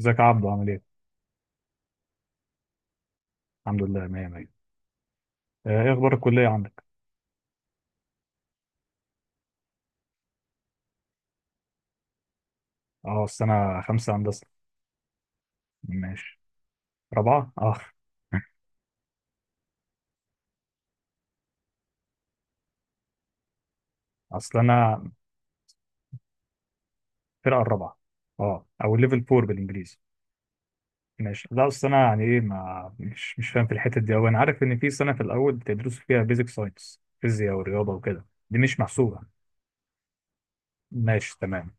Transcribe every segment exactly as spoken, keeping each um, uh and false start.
ازيك يا عبدو عامل ايه؟ الحمد لله، مية مية. آه، ايه اخبار الكلية عندك؟ اه، السنة خمسة هندسة. ماشي. رابعة؟ اه. اصل انا فرقة الرابعة. اه، او ليفل فور بالانجليزي. ماشي. لا، اصل انا يعني ايه، ما مش مش فاهم في الحتة دي اوي. انا عارف ان في سنة في الاول بتدرسوا فيها بيزك ساينس، فيزياء ورياضة وكده، دي مش محسوبة. ماشي تمام.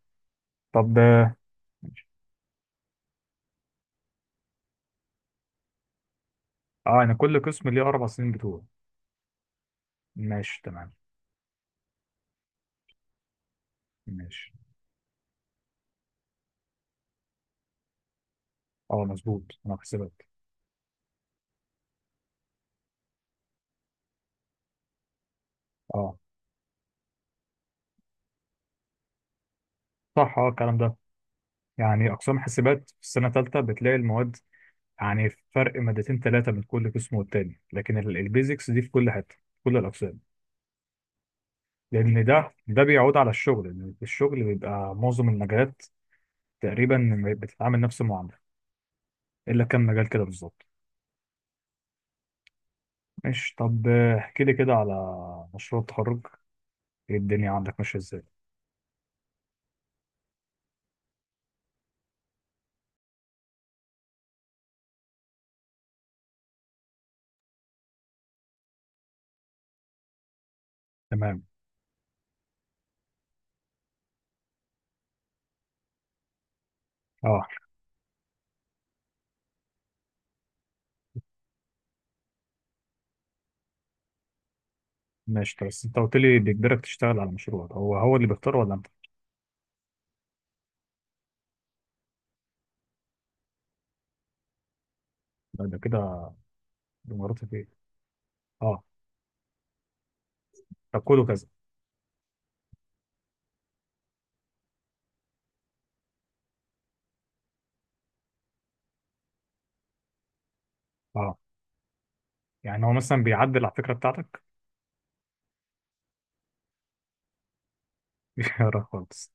طب آه، ماشي. اه، انا كل قسم ليه اربع سنين بتوع. ماشي تمام. ماشي، اه مظبوط، انا في حسابات. اه صح، اه الكلام ده. يعني أقسام حاسبات في السنة الثالثة بتلاقي المواد يعني فرق مادتين ثلاثة بين كل قسم والتاني، لكن البيزكس دي في كل حتة في كل الأقسام. لأن ده ده بيعود على الشغل، لأن الشغل بيبقى معظم المجالات تقريبا بتتعامل نفس المعاملة، إلا كم مجال كده بالظبط. ماشي. طب آه، احكي لي كده على مشروع التخرج. إيه الدنيا عندك ماشية إزاي؟ تمام. اه. ماشي. طب بس انت قلت لي بيجبرك تشتغل على مشروع، هو هو اللي بيختار ولا انت؟ لا، ده كده، دي مراتب ايه. اه. طب كله كذا؟ اه. يعني هو مثلا بيعدل على الفكرة بتاعتك؟ بيغيرها خالص.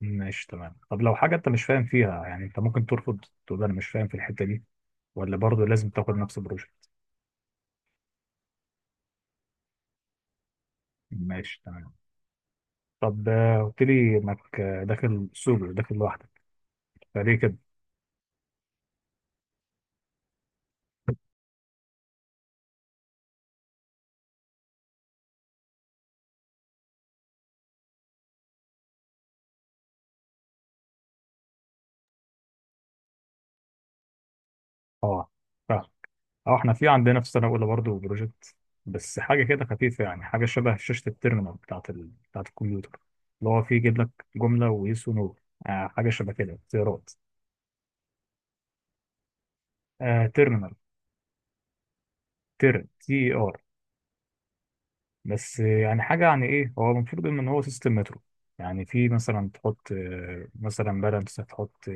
ماشي تمام. طب لو حاجة انت مش فاهم فيها، يعني انت ممكن ترفض، تقول انا مش فاهم في الحتة دي، ولا برضه لازم تاخد نفس البروجكت؟ ماشي تمام. طب آه، قلت لي انك آه، داخل سولو، داخل لوحدك، فليه كده؟ اه فاهم. اه، احنا في عندنا في سنة اولى برضه بروجكت، بس حاجة كده خفيفة، يعني حاجة شبه شاشة التيرمينال بتاعت ال... بتاعت الكمبيوتر، اللي هو فيه يجيب لك جملة ويس ونو. آه حاجة شبه كده، اختيارات. آه تيرمينال. تير تي ار. بس يعني حاجة، يعني إيه، هو المفروض إن هو سيستم مترو. يعني في مثلا تحط آه، مثلا بالانس، تحط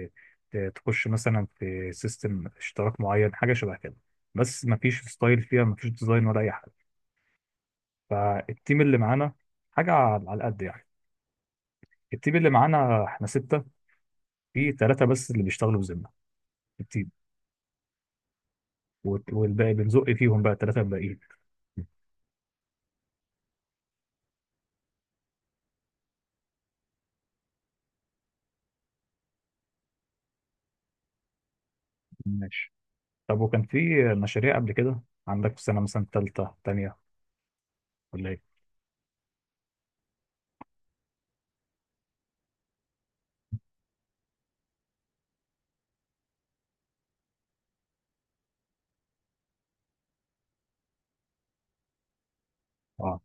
آه، تخش مثلا في سيستم اشتراك معين، حاجة شبه كده. بس مفيش ستايل فيها، مفيش ديزاين ولا أي حاجة. فالتيم اللي معانا حاجة على على قد يعني. التيم اللي معانا إحنا ستة، في ثلاثة بس اللي بيشتغلوا بذمة في التيم، والت- والباقي بنزق فيهم بقى، الثلاثة الباقيين. ماشي. طب وكان في مشاريع قبل كده، عندك في سنة مثلا تالتة تانية، ولا إيه؟ أه.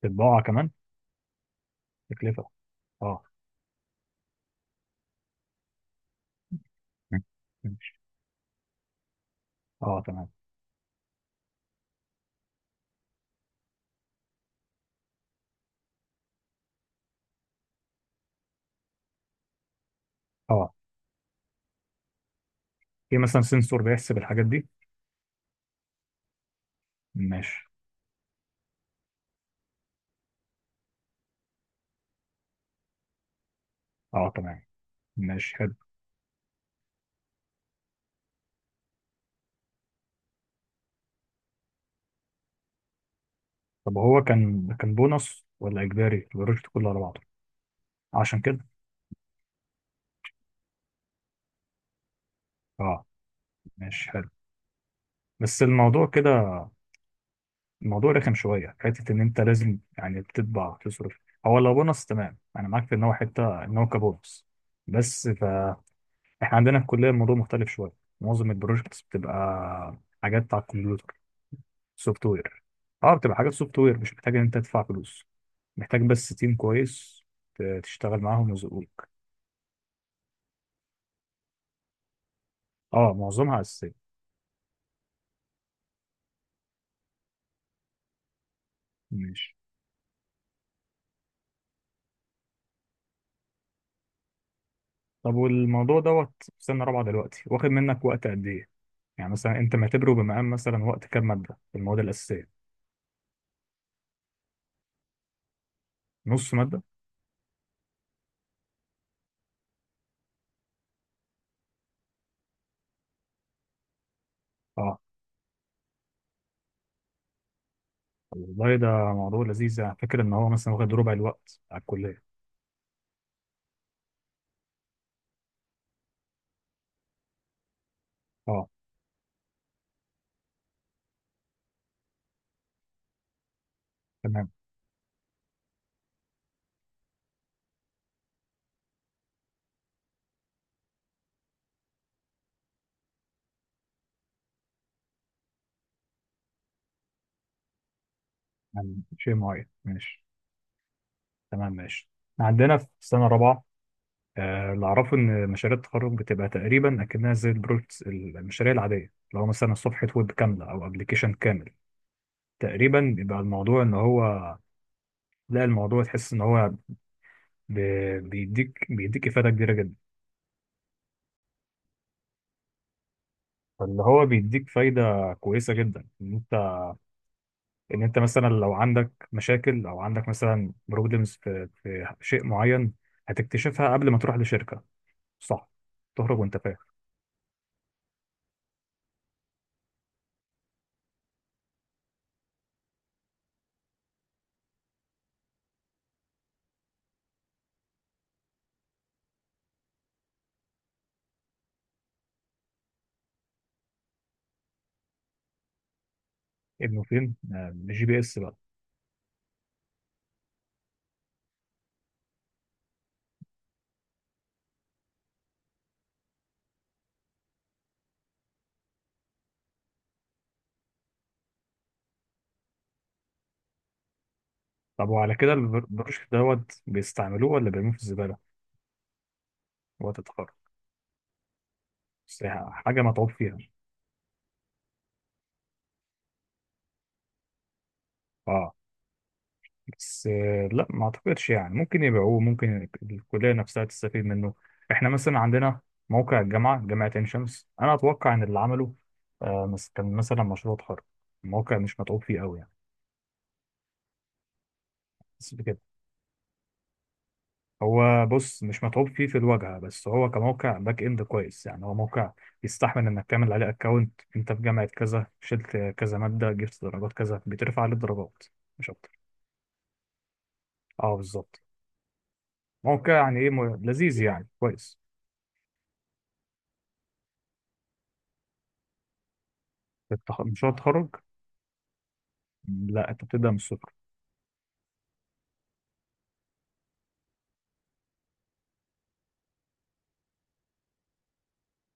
في البضاعة كمان. تكلفة. اه. ماشي. اه تمام. اه في مثلا سنسور بيحسب الحاجات دي. ماشي. اه تمام، ماشي حلو. طب هو كان كان بونص ولا اجباري البروجكت كله على بعضه؟ عشان كده. اه ماشي حلو. بس الموضوع كده، الموضوع رخم شويه حته ان انت لازم يعني بتطبع، تصرف. هو لو بونص تمام، انا معاك في ان هو حته ان هو كبونص، بس فاحنا عندنا في الكليه الموضوع مختلف شويه. معظم البروجكتس بتبقى حاجات على الكمبيوتر، سوفت وير. اه بتبقى حاجات سوفت وير، مش محتاج ان انت تدفع فلوس، محتاج بس تيم كويس ت- تشتغل معاهم ويزقوك. اه معظمها اساسيه. ماشي. طب والموضوع دوت في سنه رابعه دلوقتي واخد منك وقت قد ايه؟ يعني مثلا انت معتبره بمقام مثلا وقت كام ماده في المواد الاساسيه؟ نص ماده. اه. طب والله ده موضوع لذيذ، يعني فاكر ان هو مثلا واخد ربع الوقت على الكليه. اه تمام. يعني شيء معين، ماشي. تمام، ماشي. إحنا عندنا في سنه رابعه آه، اللي أعرفه إن مشاريع التخرج بتبقى تقريبا أكنها زي البروجكتس، المشاريع العادية، اللي هو مثلا صفحة ويب كاملة أو أبلكيشن كامل. تقريبا بيبقى الموضوع إن هو، لا، الموضوع تحس إن هو ب- بيديك بيديك إفادة كبيرة جدا. فاللي هو بيديك فايدة كويسة جدا، إن أنت، إن أنت مثلا لو عندك مشاكل، أو عندك مثلا بروبلمز في في شيء معين، هتكتشفها قبل ما تروح لشركة. صح. تخرج وأنت فاهم. ابنه فين آه، بالجي بي إس بقى. طب وعلى كده البر- البروجكت دوت بيستعملوه ولا بيرموه في الزبالة وقت التخرج؟ بس ح- حاجة متعوب فيها. اه. بس آه، لا، ما اعتقدش. يعني ممكن يبيعوه، ممكن الكلية نفسها تستفيد منه. احنا مثلا عندنا موقع الجامعة، جامعة عين شمس، انا اتوقع ان اللي عمله آه مس- كان مثلا مشروع تخرج. الموقع مش متعوب فيه قوي يعني، بس كده. هو بص مش متعوب فيه في الواجهه، بس هو كموقع باك اند كويس. يعني هو موقع يستحمل انك تعمل عليه اكونت، انت في جامعه كذا، شلت كذا ماده، جبت درجات كذا، بترفع عليه الدرجات. مش اكتر. اه بالظبط. موقع يعني ايه م- لذيذ، يعني كويس. التخ- مشروع التخرج؟ لا، انت بتبدا من الصفر.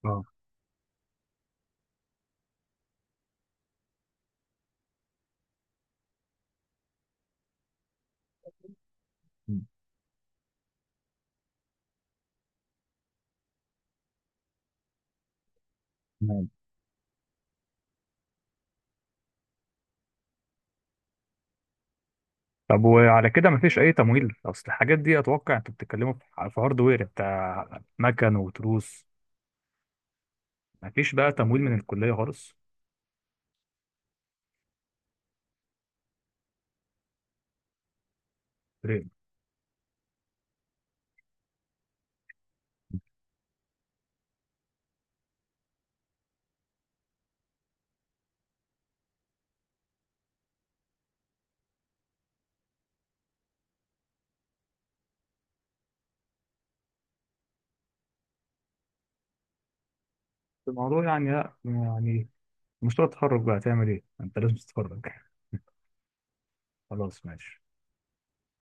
اه تمام. طب وعلى كده مفيش اي تمويل؟ اصل الحاجات دي اتوقع انتوا بتتكلموا في في هاردوير بتاع مكن وتروس. مفيش بقى تمويل من الكليه خالص؟ ليه؟ الموضوع يعني لا يعني، مشروع التخرج بقى هتعمل ايه، انت لازم تتخرج. خلاص ماشي.